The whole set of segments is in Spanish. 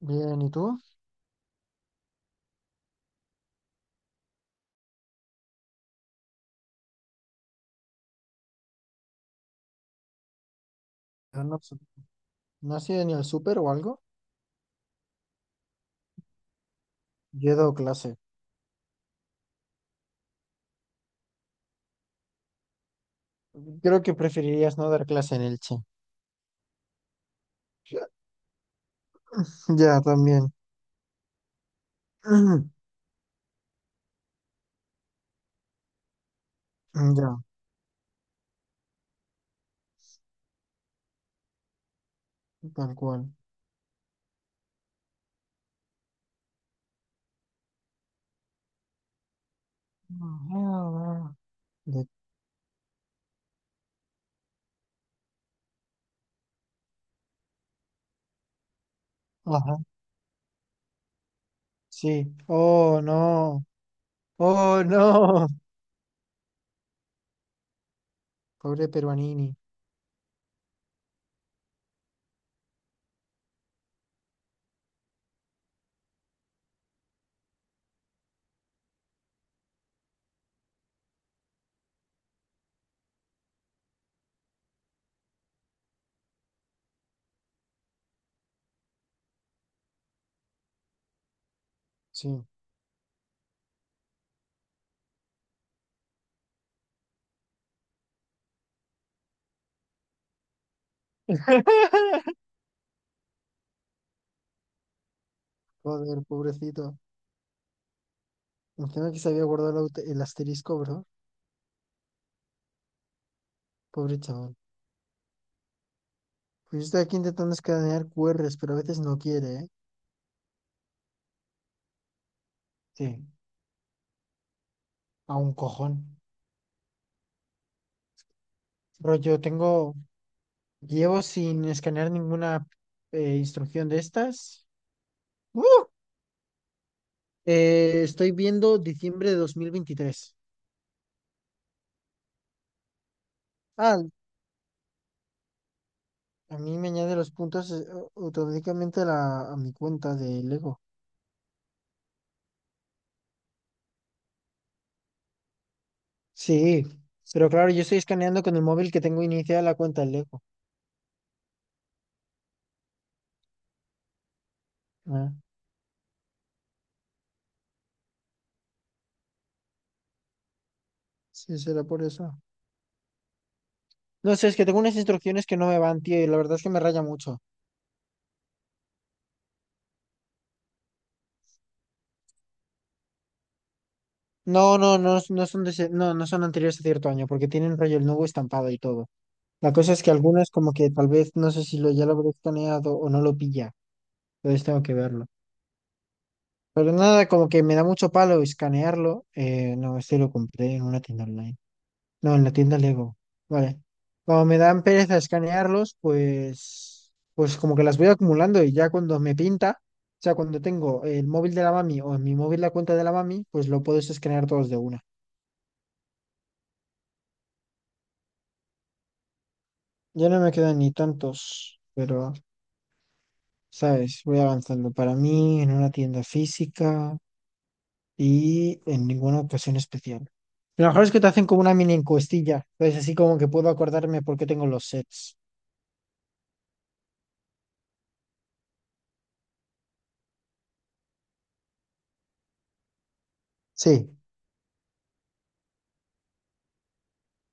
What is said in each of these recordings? Bien, ¿y tú? Yo No, pues, ¿no has ido ni al súper o algo? Yo he dado clase. Creo que preferirías no dar clase en Elche. Ya, también. Ya, tal cual. Ajá. De- Ajá, sí. Oh, no. Oh, no. Pobre Peruanini. Sí. Joder, pobrecito. Encima que se había guardado el asterisco, bro. Pobre chaval. Pues yo estoy aquí intentando escanear QRs, pero a veces no quiere, ¿eh? Sí. A un cojón. Bro, llevo sin escanear ninguna instrucción de estas. ¡Uh! Estoy viendo diciembre de 2023. Ah, a mí me añade los puntos automáticamente a mi cuenta de Lego. Sí, pero claro, yo estoy escaneando con el móvil que tengo iniciada la cuenta de Lego. Ah, sí, será por eso. No sé, es que tengo unas instrucciones que no me van, tío, y la verdad es que me raya mucho. No, no, no, no, no son anteriores a cierto año, porque tienen rollo el nuevo estampado y todo. La cosa es que algunas, como que tal vez no sé si lo ya lo habré escaneado o no lo pilla. Entonces tengo que verlo. Pero nada, como que me da mucho palo escanearlo. No, este lo compré en una tienda online. No, en la tienda Lego. Vale. Como me dan pereza escanearlos, pues como que las voy acumulando, y ya cuando me pinta, o sea, cuando tengo el móvil de la mami o en mi móvil la cuenta de la mami, pues lo puedes escanear todos de una. Ya no me quedan ni tantos, pero, ¿sabes? Voy avanzando. Para mí, en una tienda física. Y en ninguna ocasión especial. Lo mejor es que te hacen como una mini encuestilla, entonces así como que puedo acordarme por qué tengo los sets. Sí,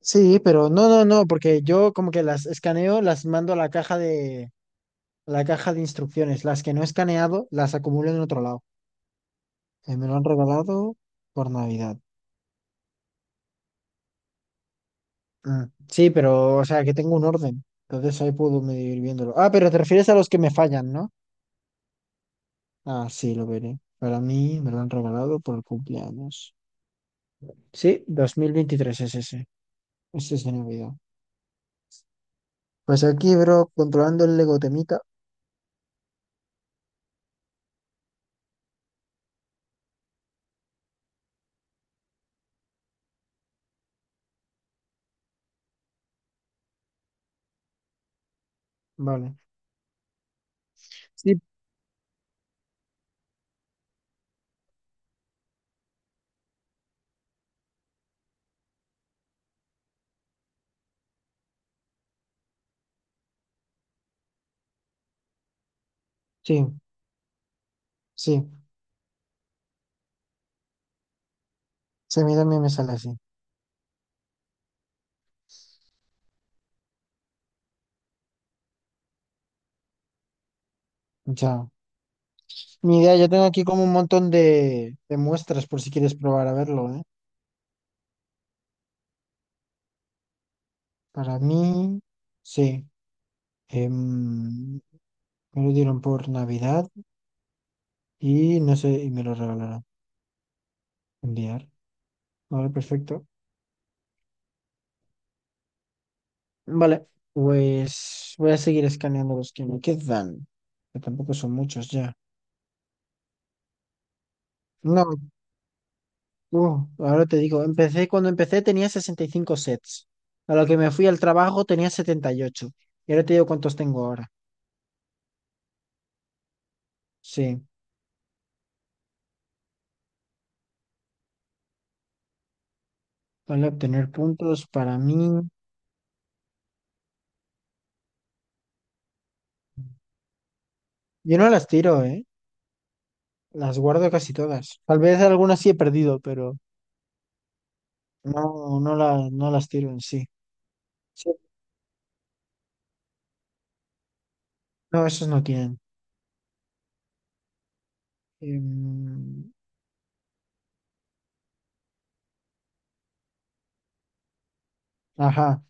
sí, pero no, no, no, porque yo como que las escaneo, las mando a la caja de, a la caja de instrucciones. Las que no he escaneado, las acumulo en otro lado. Me lo han regalado por Navidad. Mm, sí, pero, o sea, que tengo un orden. Entonces ahí puedo medir viéndolo. Ah, pero te refieres a los que me fallan, ¿no? Ah, sí, lo veré. Para mí me lo han regalado por el cumpleaños. Sí, 2023 es ese. Ese se me olvidó. Pues aquí, bro, controlando el Lego temita. Vale. Sí, sí, sí. Se me También me sale así. Ya. Mi idea, yo tengo aquí como un montón de, muestras por si quieres probar a verlo, ¿eh? Para mí, sí. Em, Me lo dieron por Navidad y no sé, y me lo regalaron. Enviar. Vale, perfecto. Vale, pues voy a seguir escaneando los que me quedan, que tampoco son muchos ya. No, ahora te digo, cuando empecé tenía 65 sets. A lo que me fui al trabajo tenía 78. Y ocho. Y ahora te digo cuántos tengo ahora. Sí, vale obtener puntos para mí. Yo no las tiro, ¿eh? Las guardo casi todas. Tal vez algunas sí he perdido, pero no, no, no las tiro en sí. Sí, no, esos no tienen. Em, ajá.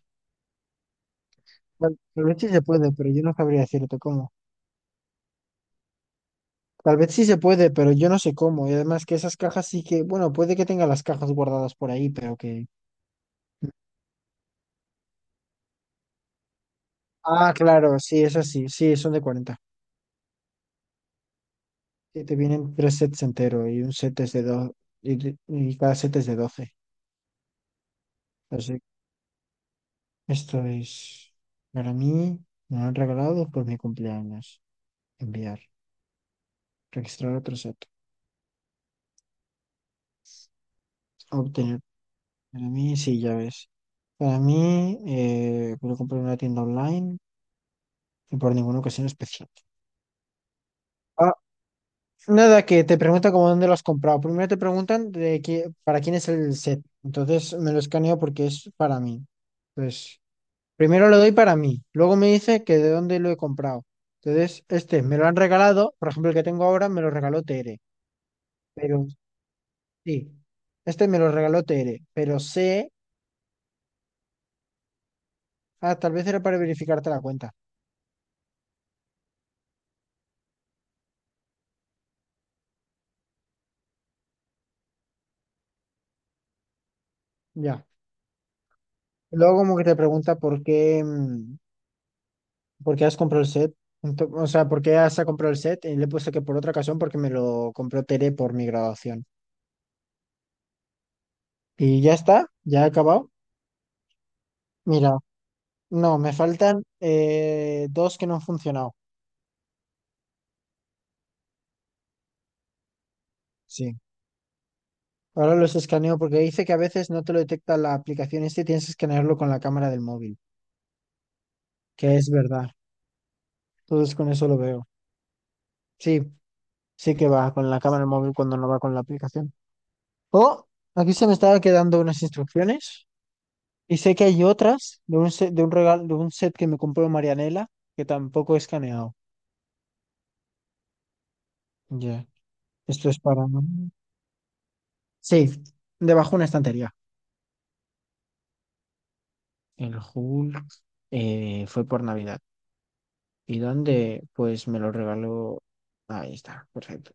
Tal vez sí se puede, pero yo no sabría decirte cómo. Tal vez sí se puede, pero yo no sé cómo. Y además que esas cajas sí que, bueno, puede que tenga las cajas guardadas por ahí, pero que... Ah, claro, sí, esas sí, sí, son de 40. Sí, te vienen tres sets entero y un set es de dos, y, y cada set es de 12. Así que esto es para mí, me lo han regalado por mi cumpleaños. Enviar, registrar otro set, obtener. Para mí, sí, ya ves. Para mí, voy comprar en una tienda online y por ninguna ocasión especial. Nada, que te pregunta como dónde lo has comprado. Primero te preguntan de qué, para quién es el set. Entonces me lo escaneo porque es para mí. Pues primero lo doy para mí. Luego me dice que de dónde lo he comprado. Entonces, este me lo han regalado. Por ejemplo, el que tengo ahora me lo regaló Tere. Pero sí, este me lo regaló Tere. Pero sé, ah, tal vez era para verificarte la cuenta. Ya. Luego como que te pregunta por qué. ¿Por qué has comprado el set? O sea, ¿por qué has comprado el set? Y le he puesto que por otra ocasión porque me lo compró Tere por mi graduación. Y ya está, ya he acabado. Mira, no, me faltan dos que no han funcionado. Sí. Ahora los escaneo porque dice que a veces no te lo detecta la aplicación este y tienes que escanearlo con la cámara del móvil, que es verdad. Entonces con eso lo veo. Sí, sí que va con la cámara del móvil cuando no va con la aplicación. Oh, aquí se me estaba quedando unas instrucciones. Y sé que hay otras de un set, de un regalo, de un set que me compró Marianela, que tampoco he escaneado. Ya. Esto es para. Sí, debajo una estantería. El Hulk fue por Navidad. ¿Y dónde? Pues me lo regaló. Ahí está, perfecto.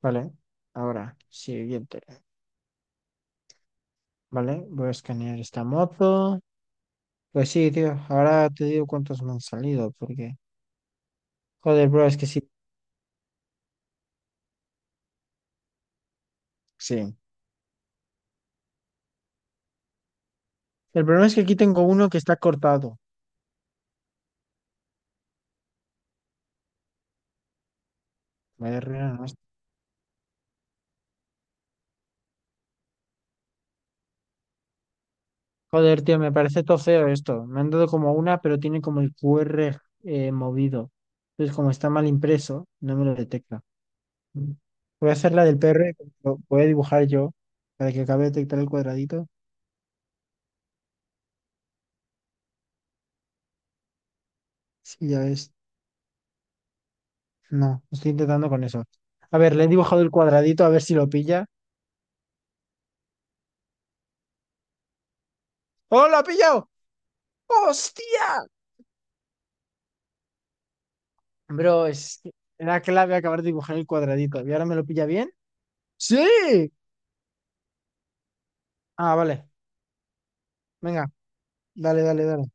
Vale, ahora, siguiente. Vale, voy a escanear esta moto. Pues sí, tío, ahora te digo cuántos me han salido, porque. Joder, bro, es que sí. Sí. El problema es que aquí tengo uno que está cortado. Vaya ruina. Joder, tío, me parece todo feo esto. Me han dado como una, pero tiene como el QR movido. Entonces, como está mal impreso, no me lo detecta. Voy a hacer la del PR, lo voy a dibujar yo para que acabe de detectar el cuadradito. Sí, ya ves. No, estoy intentando con eso. A ver, le he dibujado el cuadradito, a ver si lo pilla. ¡Oh, lo ha pillado! ¡Hostia! Bro, es que era clave acabar de dibujar el cuadradito. ¿Y ahora me lo pilla bien? ¡Sí! Ah, vale. Venga, dale, dale, dale.